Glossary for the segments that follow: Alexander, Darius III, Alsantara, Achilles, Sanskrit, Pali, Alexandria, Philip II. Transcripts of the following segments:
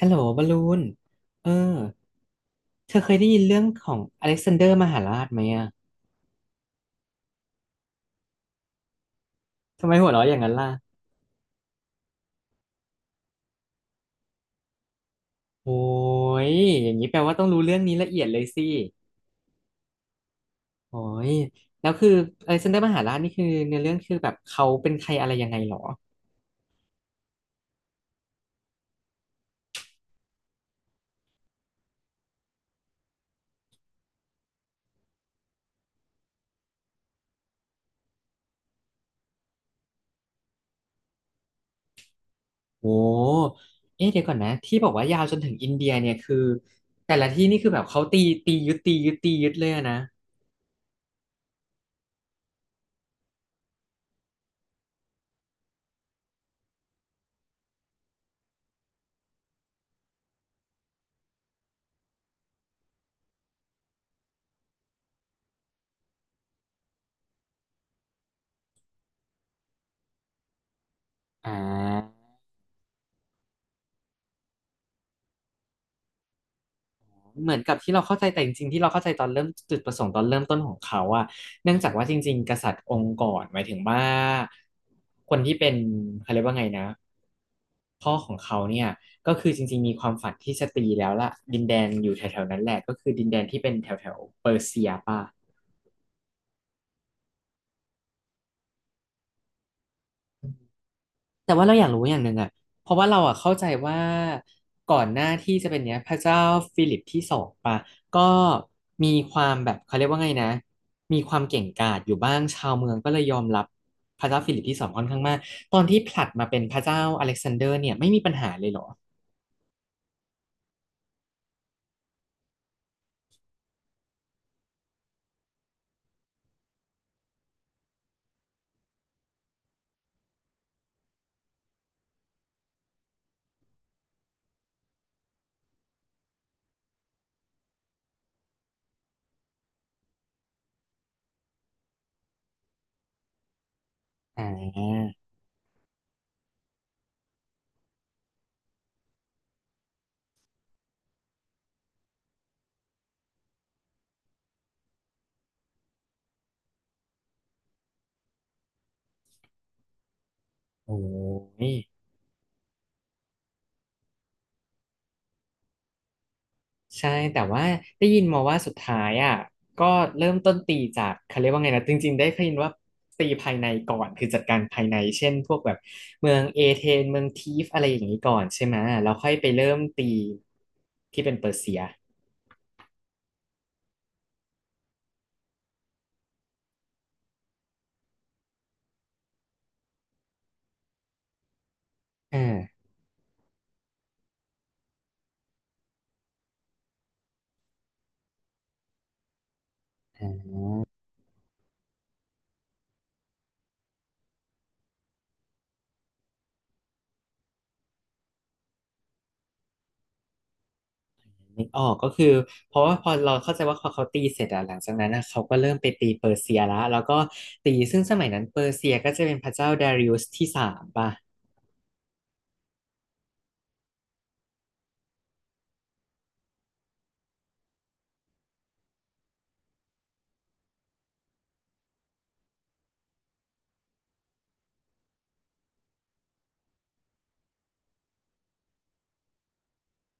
ฮัลโหลบอลลูนเออเธอเคยได้ยินเรื่องของอเล็กซานเดอร์มหาราชไหมอ่ะทำไมหัวเราะอย่างนั้นล่ะโอ้ยอย่างนี้แปลว่าต้องรู้เรื่องนี้ละเอียดเลยสิโอ้ยแล้วคืออเล็กซานเดอร์มหาราชนี่คือเนื้อเรื่องคือแบบเขาเป็นใครอะไรยังไงหรอ โอ้เอ๊ะเดี๋ยวก่อนนะที่บอกว่ายาวจนถึงอินเดียเนี่ยคือแต่ละที่นี่คือแบบเขาตีตียึดตียึดตียึดเลยอะนะอ่า เหมือนกับที่เราเข้าใจแต่จริงๆที่เราเข้าใจตอนเริ่มจุดประสงค์ตอนเริ่มต้นของเขาอะเนื่องจากว่าจริงๆกษัตริย์องค์ก่อนหมายถึงว่าคนที่เป็นเขาเรียกว่าไงนะพ่อของเขาเนี่ยก็คือจริงๆมีความฝันที่จะตีแล้วล่ะดินแดนอยู่แถวๆนั้นแหละก็คือดินแดนที่เป็นแถวๆเปอร์เซียป่ะ แต่ว่าเราอยากรู้อย่างหนึ่งอ่ะเพราะว่าเราอ่ะเข้าใจว่าก่อนหน้าที่จะเป็นเนี้ยพระเจ้าฟิลิปที่สองปะก็มีความแบบเขาเรียกว่าไงนะมีความเก่งกาจอยู่บ้างชาวเมืองก็เลยยอมรับพระเจ้าฟิลิปที่สองค่อนข้างมากตอนที่ผลัดมาเป็นพระเจ้าอเล็กซานเดอร์เนี่ยไม่มีปัญหาเลยเหรออ่าโอ้ย ใช่แต่ว่าได้ยินมาว่าสุดท้ายอ่ะก็เริ่มต้นตีจากเขาเรียกว่าไงนะจริงๆได้เคยยินว่าตีภายในก่อนคือจัดการภายในเช่นพวกแบบเมืองเอเธนเมืองทีฟอะไรอย่างนี้ก่อนใช่ไหมแล้วค่อยไปเริ่มตีที่เป็นเปอร์เซียอ่านึกออกก็คือเพราะว่าพอเราเข้าใจว่าพอเขาตีเสร็จอะหลังจากนั้นอะเขาก็เริ่มไปตีเปอร์เซียละแล้วก็ตีซึ่งสมัยนั้นเปอร์เซียก็จะเป็นพระเจ้าดาริอุสที่สามป่ะ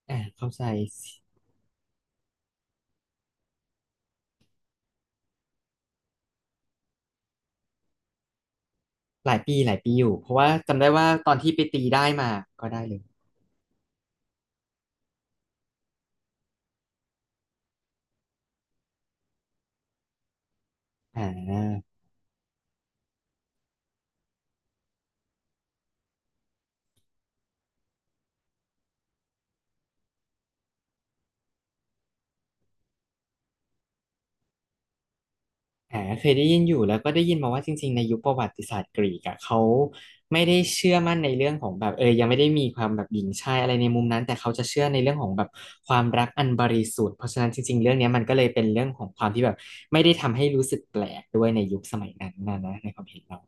อ่าเข้าใจ หลายปีหลายปีอยู่เพราะว่าจำได้ว่าตอนที่ไปตีได้มาก็ได้เลยอ่าอ่าเคยได้ยินอยู่แล้วก็ได้ยินมาว่าจริงๆในยุคประวัติศาสตร์กรีกอะเขาไม่ได้เชื่อมั่นในเรื่องของแบบยังไม่ได้มีความแบบหญิงชายอะไรในมุมนั้นแต่เขาจะเชื่อในเรื่องของแบบความรักอันบริสุทธิ์เพราะฉะนั้นจริงๆเรื่องเนี้ยมันก็เลยเป็นเรื่องของความที่แบบไม่ได้ทำให้รู้สึกแปลกด้วยในยุคสมัยนั้นนะนะในความเห็นเรา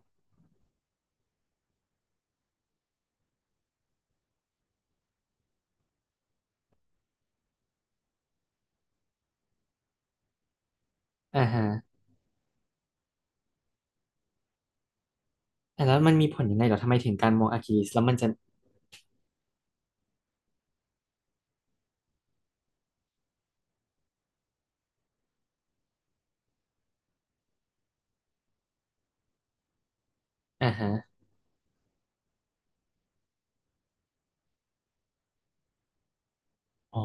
อ่าฮะอ่ะแล้วมันมีผลยังไงเหรอทำไมถึงการมองอาคิลิสแล้วมันจะอ่าฮะ อ๋อ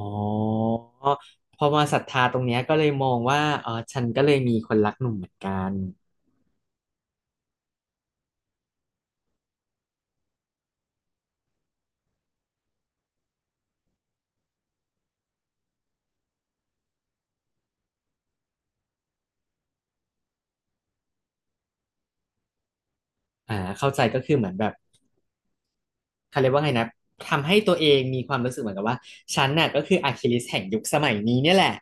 พอมาศรัทธาตรงเนี้ยก็เลยมองว่าเออฉันก็เลยมีคนรักหนุ่มเหมือนกันอ่าเข้าใจก็คือเหมือนแบบเขาเรียกว่าไงนะทำให้ตัวเองมีความรู้สึกเหมือนกับว่าฉันน่ะก็คืออะคิลิสแห่งยุคสมัยนี้เนี่ยแหละ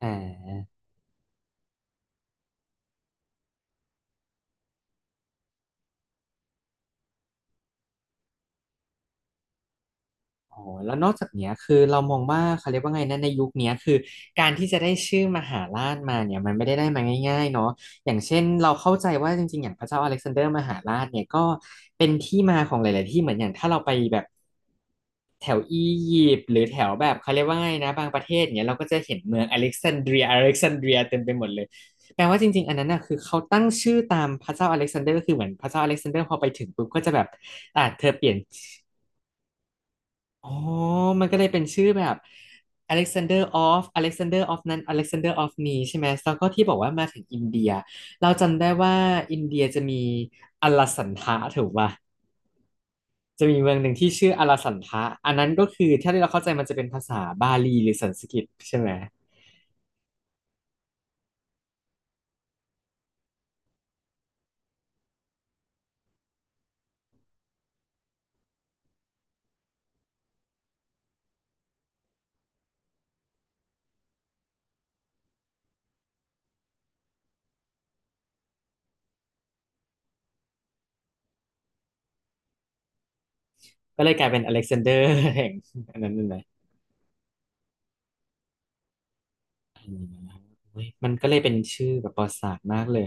อ่า โอ้แล้วนอกจากเนี้ยคือเรามองว่าเขาเรียกว่าไงนะในยุคเนี้ยคือการที่จะได้ชื่อมหาราชมาเนี่ยมันไม่ได้ได้มาง่ายๆเนาะอย่างเช่นเราเข้าใจว่าจริงๆอย่างพระเจ้าอเล็กซานเดอร์มหาราชเนี่ยก็เป็นที่มาของหลายๆที่เหมือนอย่างถ้าเราไปแบบแถวอียิปต์หรือแถวแบบเขาเรียกว่าไงนะบางประเทศเนี่ยเราก็จะเห็นเมืองอเล็กซานเดรียอเล็กซานเดรียเต็มไปหมดเลยแปลว่าจริงๆอันนั้นน่ะคือเขาตั้งชื่อตามพระเจ้าอเล็กซานเดอร์ก็คือเหมือนพระเจ้าอเล็กซานเดอร์พอไปถึงปุ๊บก็จะแบบอ่ะเธอเปลี่ยน อ๋อมันก็เลยเป็นชื่อแบบ Alexander of Alexander of นั้น Alexander of นี้ใช่ไหมแล้วก็ที่บอกว่ามาถึงอินเดียเราจำได้ว่าอินเดียจะมีอลสันทะถูกป่ะจะมีเมืองหนึ่งที่ชื่ออลสันทะอันนั้นก็คือถ้าที่เราเข้าใจมันจะเป็นภาษาบาลีหรือสันสกฤตใช่ไหม ก็เลยกลายเป็น Alexander แห่งอันนั้นนั่นแหละอืมมันก็เลยเป็นชื่อแบบประวัติศาสตร์มากเลย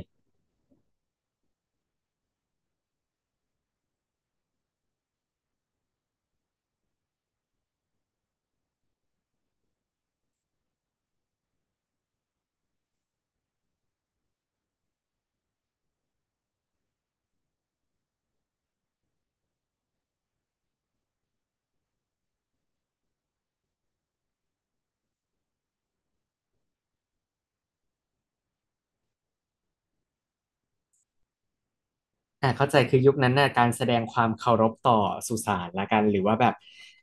เข้าใจคือยุคนั้นน่ะการแสดงความเคารพต่อสุสานละกันหรือว่าแบบ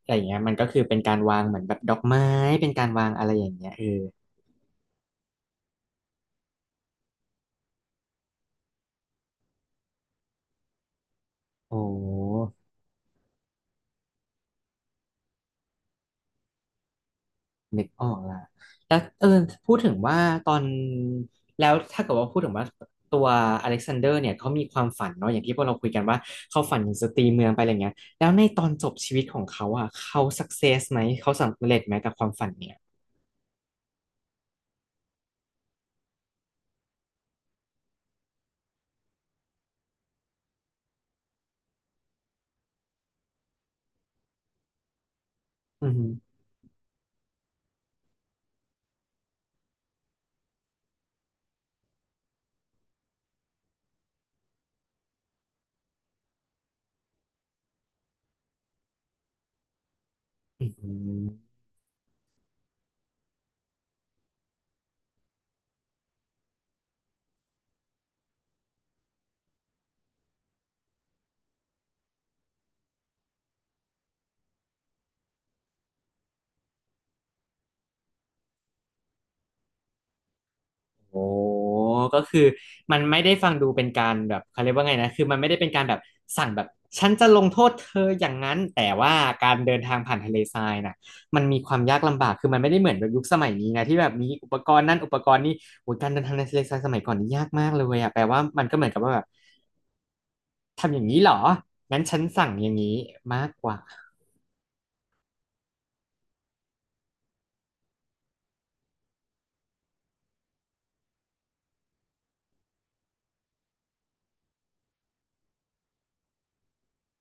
อะไรอย่างเงี้ยมันก็คือเป็นการวางเหมือนแบบดอกไม้เป็นการวางอะไรอย่างเงี้ยเออโอ้นึกออกละแล้วพูดถึงว่าตอนแล้วถ้าเกิดว่าพูดถึงว่าตัวอเล็กซานเดอร์เนี่ยเขามีความฝันเนาะอย่างที่พวกเราคุยกันว่าเขาฝันถึงจะตีเมืองไปอะไรเงี้ยแล้วในตอนจบชีวิตของเขาอ่ะเขาสักเซสไหมเขาสำเร็จไหมกับความฝันเนี่ยอืมอืม โอ้ก็คือมันไม่ได้ฟังดูเป็นการแบบเขาเรียกว่าไงนะคือมันไม่ได้เป็นการแบบสั่งแบบฉันจะลงโทษเธออย่างนั้น แต่ว่าการเดินทางผ่านทะเลทรายน่ะมันมีความยากลำบากคือมันไม่ได้เหมือนแบบยุคสมัยนี้ไงที่แบบมีอุปกรณ์นั่นอุปกรณ์นี่โอ้ยการเดินทางในทะเลทรายสมัยก่อนนี่ยากมากเลยอะแปลว่ามันก็เหมือนกับว่าแบบทำอย่างนี้เหรองั้นฉันสั่งอย่างนี้มากกว่า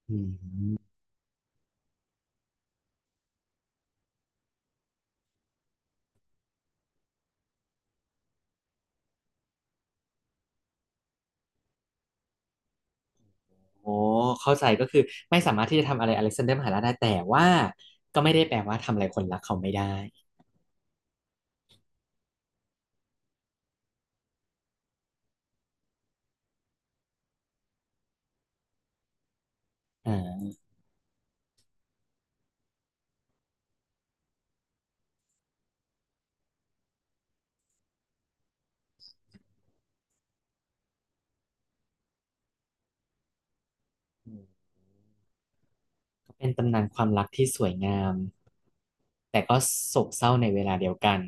อืมโอ้เข้าใจก็คือไม่สามารถที่จะทำอะไรอเล็กซานเดอร์มหาราชได้แต่ว่าก็ไม่ได้แปลว่าทำอะไรคนรักเขาไม่ได้อ่า เป็นตำนานความรักที่สวยงามแต่ก็โศกเศร้าในเวลาเดียวกัน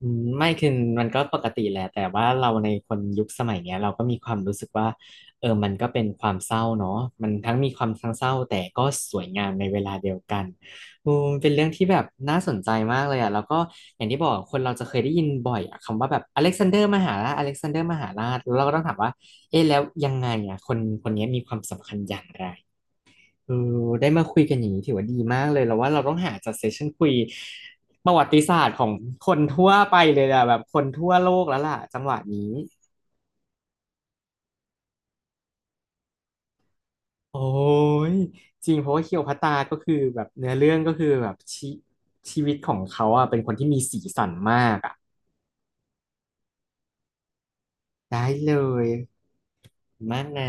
อืมไม่คือมันก็ปกติแหละแต่ว่าเราในคนยุคสมัยเนี้ยเราก็มีความรู้สึกว่าเออมันก็เป็นความเศร้าเนาะมันทั้งมีความทั้งเศร้าแต่ก็สวยงามในเวลาเดียวกันอืมเป็นเรื่องที่แบบน่าสนใจมากเลยอ่ะแล้วก็อย่างที่บอกคนเราจะเคยได้ยินบ่อยอะคำว่าแบบอเล็กซานเดอร์มหาราชอเล็กซานเดอร์มหาราชแล้วเราก็ต้องถามว่าเอ๊ะแล้วยังไงอ่ะคนคนนี้มีความสำคัญอย่างไร เออได้มาคุยกันอย่างนี้ถือว่าดีมากเลยแล้วว่าเราต้องหาจัดเซสชั่นคุยประวัติศาสตร์ของคนทั่วไปเลยอะแบบคนทั่วโลกแล้วล่ะจังหวะนี้โอ้ยจริงเพราะว่าเคียวพัตตาก็คือแบบเนื้อเรื่องก็คือแบบชีวิตของเขาอะเป็นคนที่มีสีสันมากอะได้เลยมากนะ